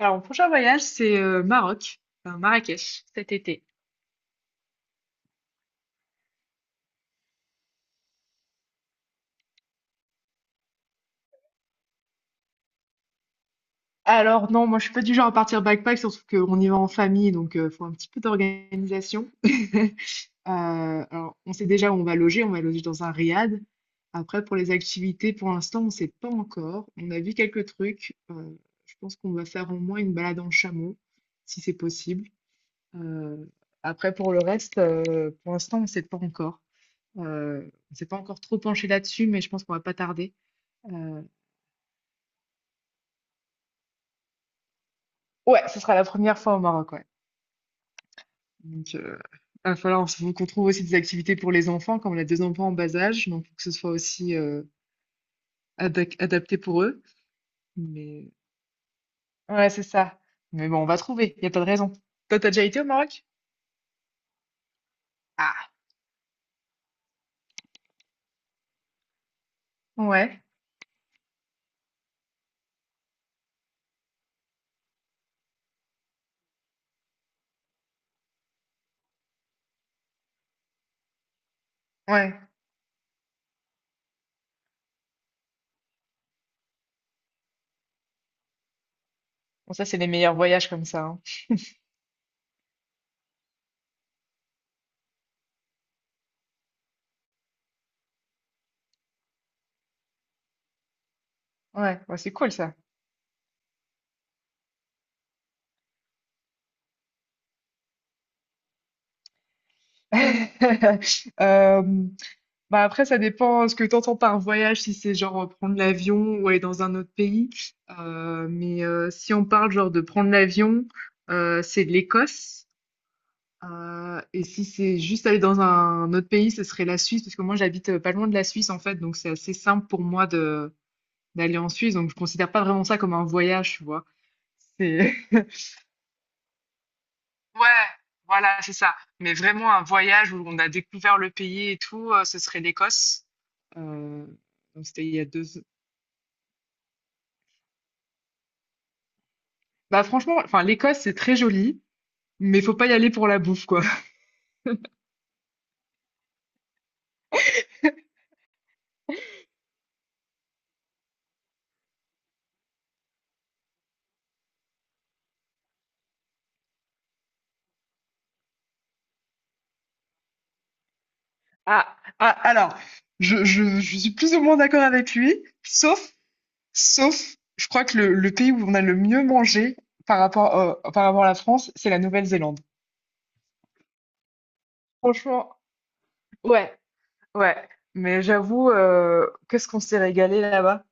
Alors, mon prochain voyage, c'est Maroc, enfin, Marrakech, cet été. Alors, non, moi, je suis pas du genre à partir backpack, surtout qu'on y va en famille, donc il faut un petit peu d'organisation. Alors, on sait déjà où on va loger dans un riad. Après, pour les activités, pour l'instant, on sait pas encore. On a vu quelques trucs. Je pense qu'on va faire au moins une balade en chameau, si c'est possible. Euh, Après, pour le reste, pour l'instant, on sait pas encore. Euh, on s'est pas encore trop penché là-dessus, mais je pense qu'on va pas tarder. Heu, ouais, ce sera la première fois au Maroc, ouais. Donc il va falloir s qu'on trouve aussi des activités pour les enfants, comme on a 2 enfants en bas âge, donc faut que ce soit aussi, adac adapté pour eux. Mais ouais, c'est ça. Mais bon, on va trouver, il y a pas de raison. Toi, t'as déjà été au Maroc? Ah! Ouais, ouais. Bon ça, c'est les meilleurs voyages comme ça, hein. Ouais, bah, c'est cool ça. Hem Bah après, ça dépend ce que tu entends par voyage, si c'est genre prendre l'avion ou aller dans un autre pays. Mais si on parle genre de prendre l'avion, c'est de l'Écosse. Et si c'est juste aller dans un autre pays, ce serait la Suisse, parce que moi j'habite pas loin de la Suisse en fait, donc c'est assez simple pour moi de d'aller en Suisse, donc je considère pas vraiment ça comme un voyage, tu vois. C'est Ouais, voilà, c'est ça. Mais vraiment un voyage où on a découvert le pays et tout, ce serait l'Écosse. Euh, donc c'était il y a deux, Bah franchement, enfin l'Écosse c'est très joli, mais faut pas y aller pour la bouffe quoi. Ah, ah, alors, je suis plus ou moins d'accord avec lui, sauf, sauf, je crois que le pays où on a le mieux mangé par rapport à la France, c'est la Nouvelle-Zélande. Franchement, ouais, ouais. Mais j'avoue, qu'est-ce qu'on s'est régalé là-bas?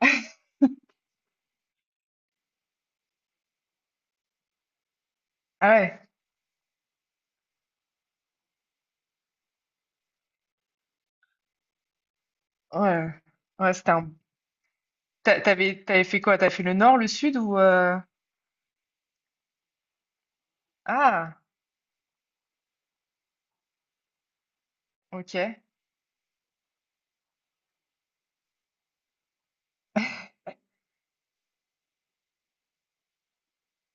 Ah ouais, ouais, ouais, c'était un... T'avais, t'avais fait quoi? T'as fait le nord, le sud ou... Ah, ok,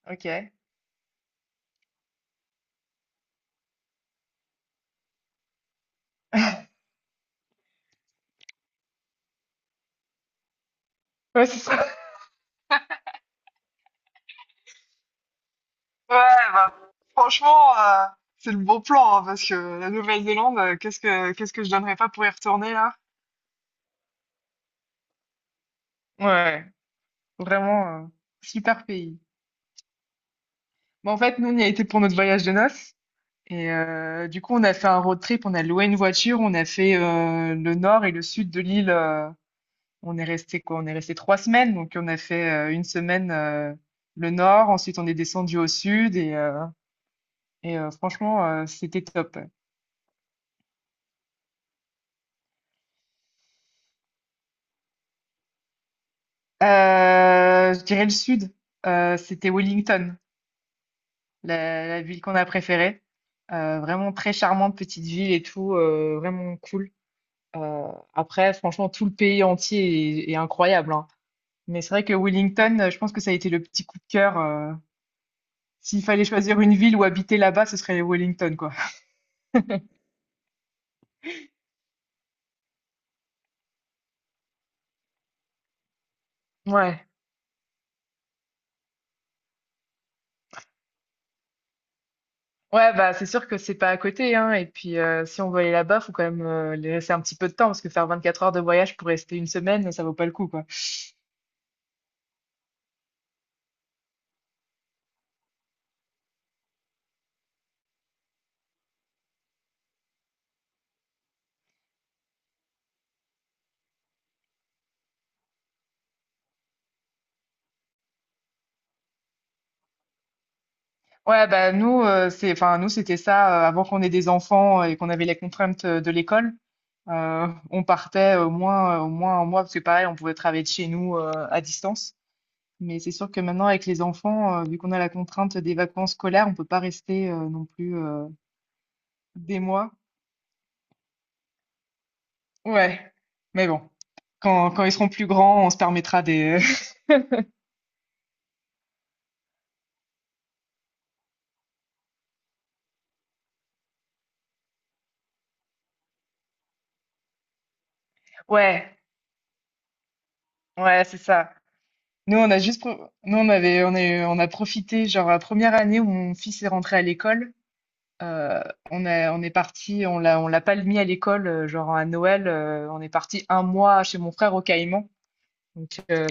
ok. Ouais, c'est ça. Ouais, bah, franchement, c'est le bon plan, hein, parce que la Nouvelle-Zélande, qu'est-ce que je donnerais pas pour y retourner là? Ouais, vraiment super pays. Bon, en fait, nous, on y a été pour notre voyage de noces. Et du coup, on a fait un road trip, on a loué une voiture, on a fait le nord et le sud de l'île. On est resté quoi? On est resté trois semaines, donc on a fait une semaine le nord, ensuite on est descendu au sud et franchement, c'était top. Je dirais le sud. C'était Wellington, la ville qu'on a préférée. Vraiment très charmante petite ville et tout, vraiment cool. Euh, Après, franchement, tout le pays entier est incroyable, hein. Mais c'est vrai que Wellington, je pense que ça a été le petit coup de cœur. S'il fallait choisir une ville où habiter là-bas, ce serait Wellington, quoi. Ouais. Ouais, bah c'est sûr que c'est pas à côté, hein. Et puis si on veut aller là-bas, faut quand même laisser un petit peu de temps parce que faire 24 heures de voyage pour rester une semaine, ça vaut pas le coup, quoi. Ouais, bah nous, c'est, enfin nous c'était ça avant qu'on ait des enfants et qu'on avait les contraintes de l'école. On partait au moins un mois parce que pareil, on pouvait travailler de chez nous à distance. Mais c'est sûr que maintenant avec les enfants, vu qu'on a la contrainte des vacances scolaires, on peut pas rester non plus des mois. Ouais, mais bon, quand ils seront plus grands, on se permettra des. Ouais, ouais, c'est ça. Nous, on a juste, nous on avait, on est, on a profité genre la première année où mon fils est rentré à l'école. Heu, on est partis, on l'a pas mis à l'école, genre à Noël, on est parti un mois chez mon frère au Caïmans. Donc heu,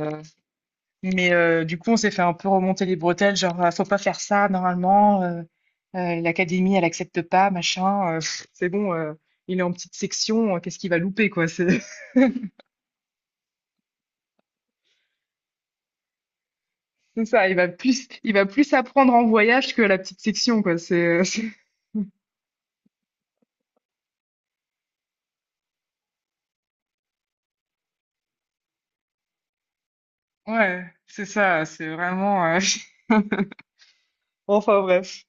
mais heu, du coup, on s'est fait un peu remonter les bretelles, genre: «Ah, faut pas faire ça normalement, l'académie elle accepte pas, machin», c'est bon, il est en petite section, qu'est-ce qu'il va louper, quoi? C'est c'est ça, il va plus apprendre en voyage que à la petite section, quoi. C'est, c'est ouais, c'est ça, c'est vraiment, enfin bref.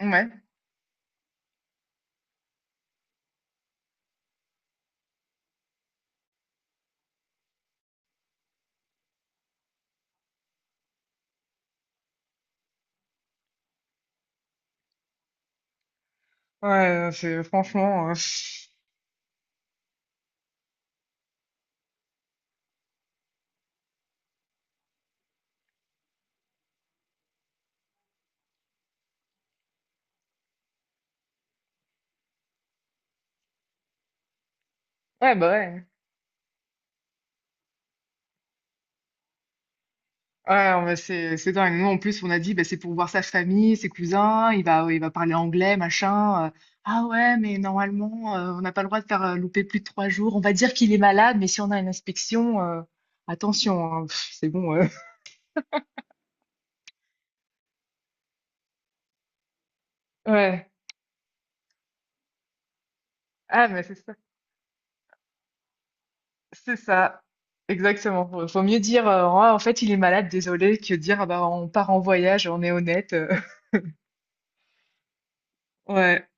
Ouais. Ouais, c'est franchement. Ouais, bah ouais. C'est dingue. Nous, en plus, on a dit, bah, c'est pour voir sa famille, ses cousins, il va parler anglais, machin. Ah ouais, mais normalement, on n'a pas le droit de faire louper plus de trois jours. On va dire qu'il est malade, mais si on a une inspection, attention, hein, pff, c'est bon. Ouais. Ah, mais c'est ça. C'est ça. Exactement. Faut mieux dire, Ah, en fait, il est malade, désolé, que dire, ah, bah, on part en voyage, on est honnête. Ouais.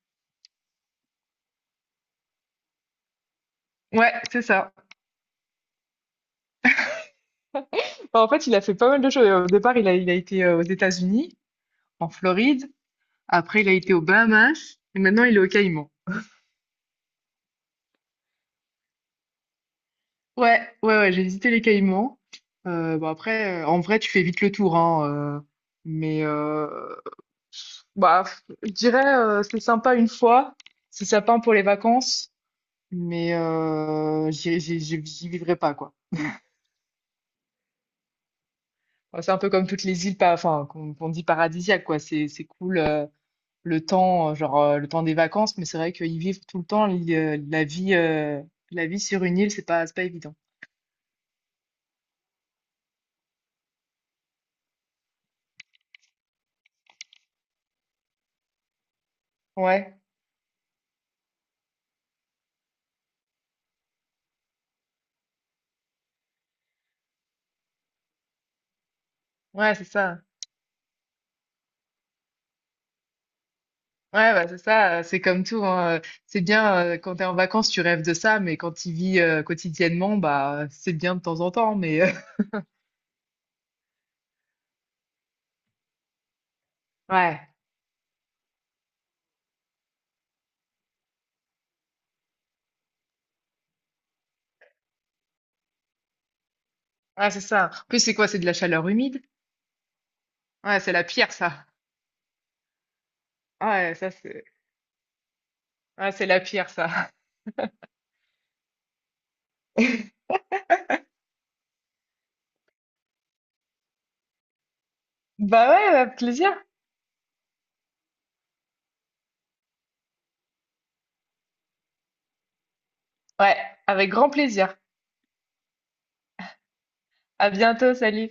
Ouais, c'est ça. Enfin, en fait, il a fait pas mal de choses. Au départ, il a été aux États-Unis, en Floride. Après, il a été aux Bahamas. Et maintenant, il est aux Caïmans. Ouais, ouais, ouais, j'ai visité les Caïmans. Bon, après, en vrai, tu fais vite le tour, hein. euh, mais euh, bah, je dirais, c'est sympa une fois. C'est sympa pour les vacances. Mais j'y vivrai pas, quoi. Enfin, c'est un peu comme toutes les îles, pas, enfin, qu'on dit paradisiaques, quoi. C'est cool. Le temps, genre le temps des vacances, mais c'est vrai qu'ils vivent tout le temps la vie sur une île, c'est pas évident. Ouais, ouais, c'est ça. Ouais, bah, c'est ça, c'est comme tout, hein, c'est bien, quand t'es en vacances, tu rêves de ça, mais quand tu vis quotidiennement, bah, c'est bien de temps en temps, mais ouais, ouais, c'est ça. En plus, c'est quoi? C'est de la chaleur humide? Ouais, c'est la pire, ça. Ouais, ça, c'est, ouais, c'est la pire, ça. Bah ouais, avec plaisir. Ouais, avec grand plaisir. À bientôt, salut.